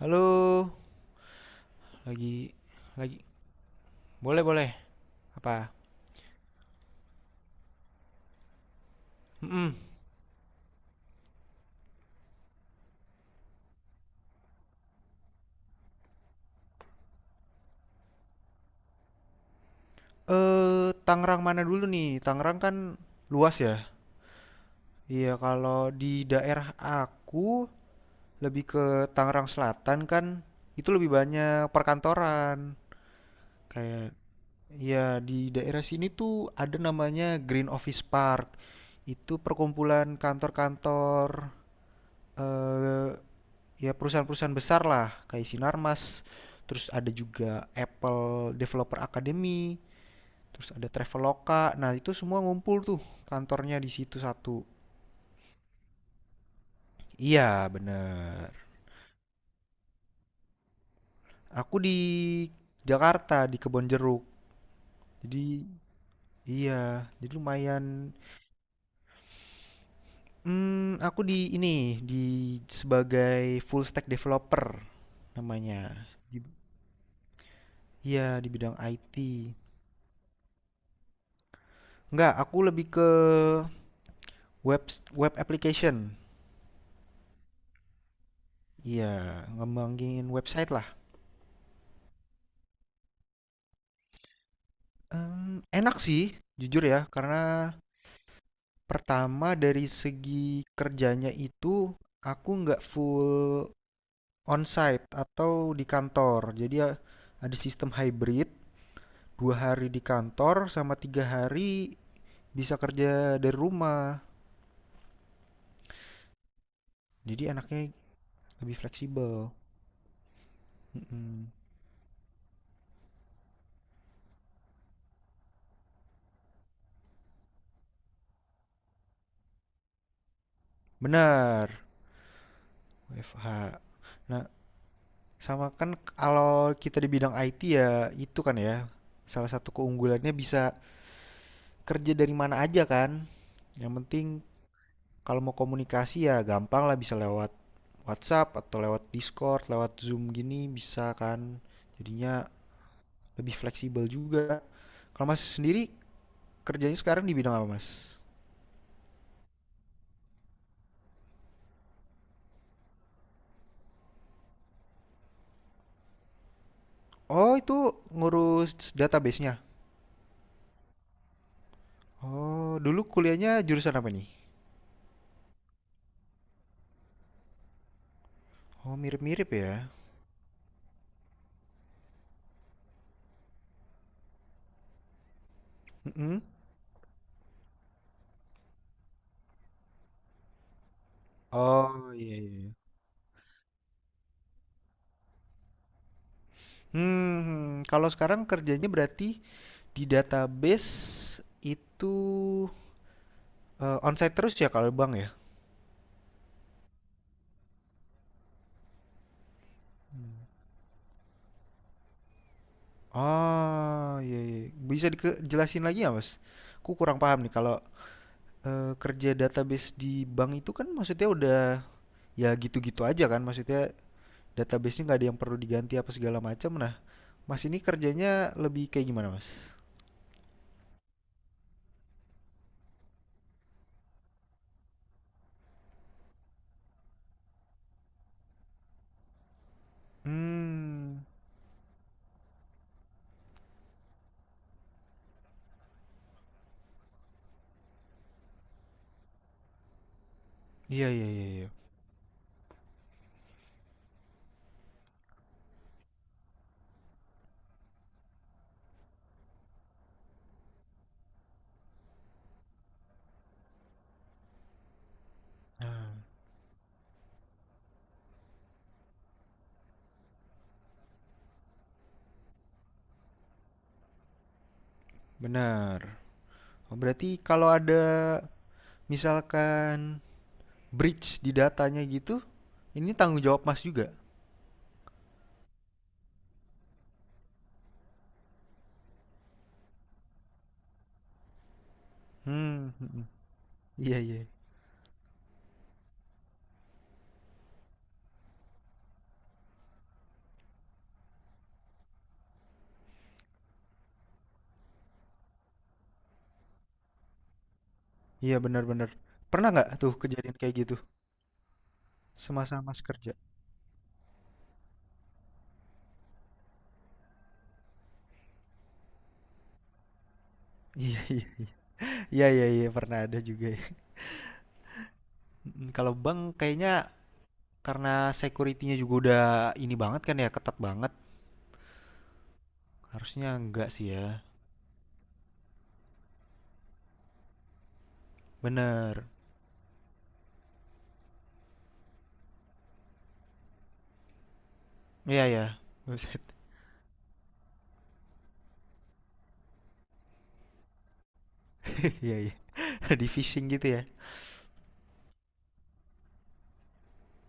Halo, lagi lagi boleh boleh apa? Mm-mm. Eh, Tangerang mana dulu nih? Tangerang kan luas ya. Iya, kalau di daerah aku lebih ke Tangerang Selatan kan itu lebih banyak perkantoran. Kayak ya di daerah sini tuh ada namanya Green Office Park. Itu perkumpulan kantor-kantor eh ya perusahaan-perusahaan besar lah kayak Sinarmas terus ada juga Apple Developer Academy terus ada Traveloka, nah itu semua ngumpul tuh kantornya di situ satu. Iya bener, aku di Jakarta di Kebonjeruk. Jadi, iya, jadi lumayan. Aku di ini di sebagai full stack developer namanya. Di- iya, di bidang IT. Enggak, aku lebih ke web web application. Iya, ngembangin website lah. Enak sih, jujur ya, karena pertama dari segi kerjanya itu aku nggak full onsite atau di kantor. Jadi ya ada sistem hybrid, 2 hari di kantor sama 3 hari bisa kerja dari rumah. Jadi enaknya lebih fleksibel, mhm, benar, WFH. Nah, sama kan kalau kita di bidang IT ya itu kan ya salah satu keunggulannya bisa kerja dari mana aja kan. Yang penting kalau mau komunikasi ya gampang lah, bisa lewat WhatsApp atau lewat Discord, lewat Zoom gini bisa kan. Jadinya lebih fleksibel juga. Kalau Mas sendiri kerjanya sekarang di bidang apa Mas? Oh itu ngurus database-nya. Oh dulu kuliahnya jurusan apa nih? Oh mirip-mirip ya. Mm-mm. Oh iya iya. Kalau sekarang kerjanya berarti di database itu onsite terus ya kalau Bang ya? Oh, iya, iya. Bisa dijelasin lagi ya Mas? Aku kurang paham nih kalau kerja database di bank itu kan maksudnya udah ya gitu-gitu aja kan? Maksudnya databasenya nggak ada yang perlu diganti apa segala macam. Nah, Mas ini kerjanya lebih kayak gimana Mas? Hmm. Iya, iya, iya, iya. Ah, benar. Oh, berarti kalau ada misalkan breach di datanya gitu, ini tanggung jawab Mas juga? Hmm, mhm. Iya, iya. Iya, benar benar. Pernah nggak tuh kejadian kayak gitu, semasa Mas kerja? Iya, iya, iya. Iya, iya, iya, pernah ada juga ya. Mhm. Kalau bank kayaknya karena security-nya juga udah ini banget kan ya, ketat banget, harusnya enggak sih ya. Bener. Iya ya, website. Iya, iya. Di-phishing gitu ya?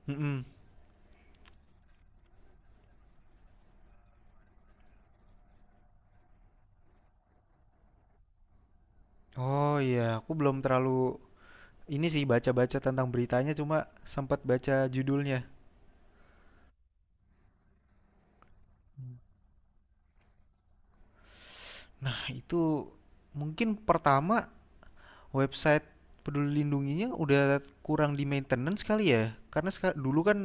Mhm. Oh iya, aku belum terlalu. Ini sih baca-baca tentang beritanya, cuma sempat baca judulnya. Nah, itu mungkin pertama website Peduli Lindunginya udah kurang di maintenance kali ya. Karena dulu kan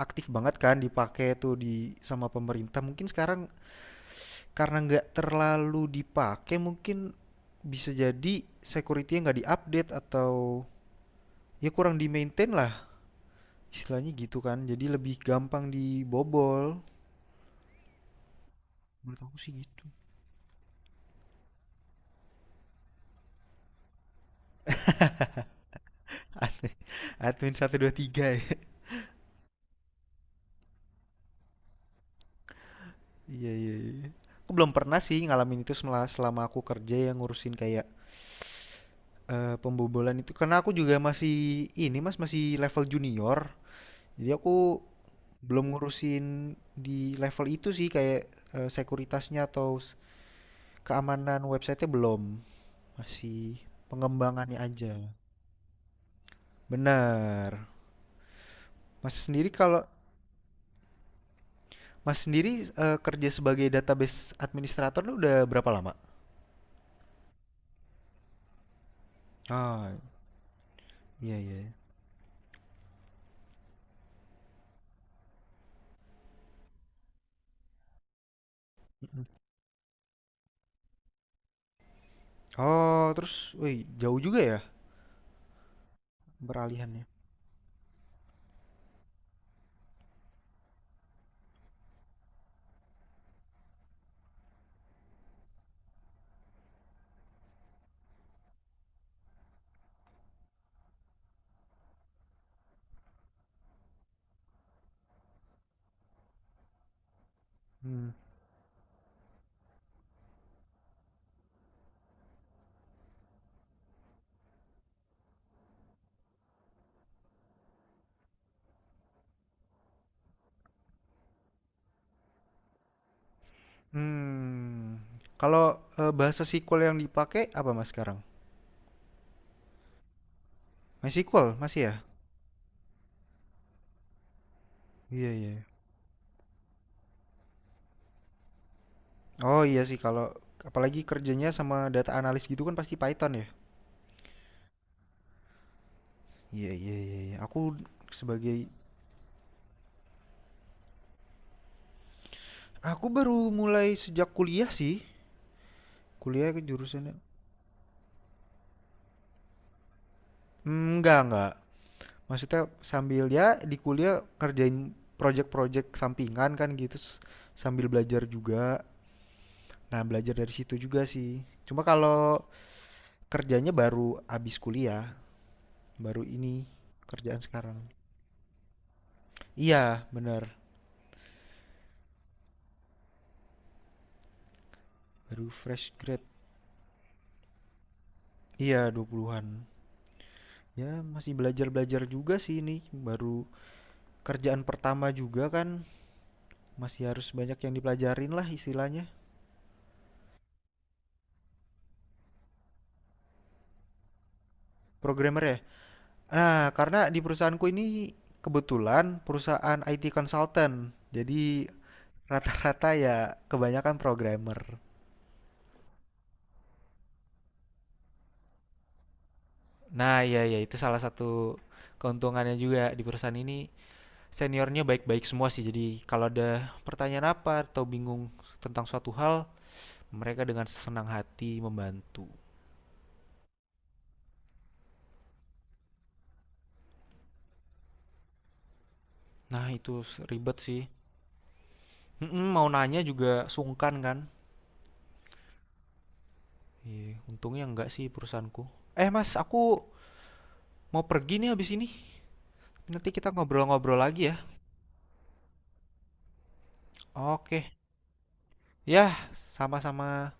aktif banget kan dipakai tuh di sama pemerintah. Mungkin sekarang karena nggak terlalu dipakai, mungkin bisa jadi security-nya nggak diupdate atau ya kurang di maintain lah. Istilahnya gitu kan. Jadi lebih gampang dibobol. Menurut aku sih gitu. Admin admin 1 2 3 ya. Iya, iya, iya. Aku belum pernah sih ngalamin itu selama aku kerja yang ngurusin kayak pembobolan itu. Karena aku juga masih ini Mas, masih level junior. Jadi aku belum ngurusin di level itu sih kayak sekuritasnya atau keamanan websitenya belum. Masih pengembangannya aja. Benar. Mas sendiri kalau Mas sendiri kerja sebagai database administrator lu udah berapa lama? Ah, iya iya. Hmm. Oh, terus, wih, jauh juga ya beralihannya. Hmm. Hmm. Kalau bahasa SQL yang dipakai apa Mas sekarang? MySQL masih ya? Iya, iya. Oh, iya sih kalau apalagi kerjanya sama data analis gitu kan pasti Python ya. Iya, iya, iya, iya. Sebagai aku baru mulai sejak kuliah sih. Kuliah ke jurusannya. Hmm, enggak, enggak. Maksudnya sambil ya di kuliah kerjain project-project sampingan kan gitu sambil belajar juga. Nah, belajar dari situ juga sih. Cuma kalau kerjanya baru habis kuliah, baru ini kerjaan sekarang. Iya, benar. Baru fresh grad. Iya, 20-an. Ya, masih belajar-belajar juga sih ini. Baru kerjaan pertama juga kan. Masih harus banyak yang dipelajarin lah istilahnya. Programmer ya? Nah, karena di perusahaanku ini kebetulan perusahaan IT consultant. Jadi rata-rata ya kebanyakan programmer. Nah, iya iya itu salah satu keuntungannya juga di perusahaan ini. Seniornya baik-baik semua sih. Jadi kalau ada pertanyaan apa atau bingung tentang suatu hal, mereka dengan senang hati membantu. Nah, itu ribet sih. Mm-mm, mau nanya juga sungkan kan? Iya, untungnya enggak sih perusahaanku. Eh, Mas, aku mau pergi nih habis ini. Nanti kita ngobrol-ngobrol lagi ya. Oke. Ya, sama-sama.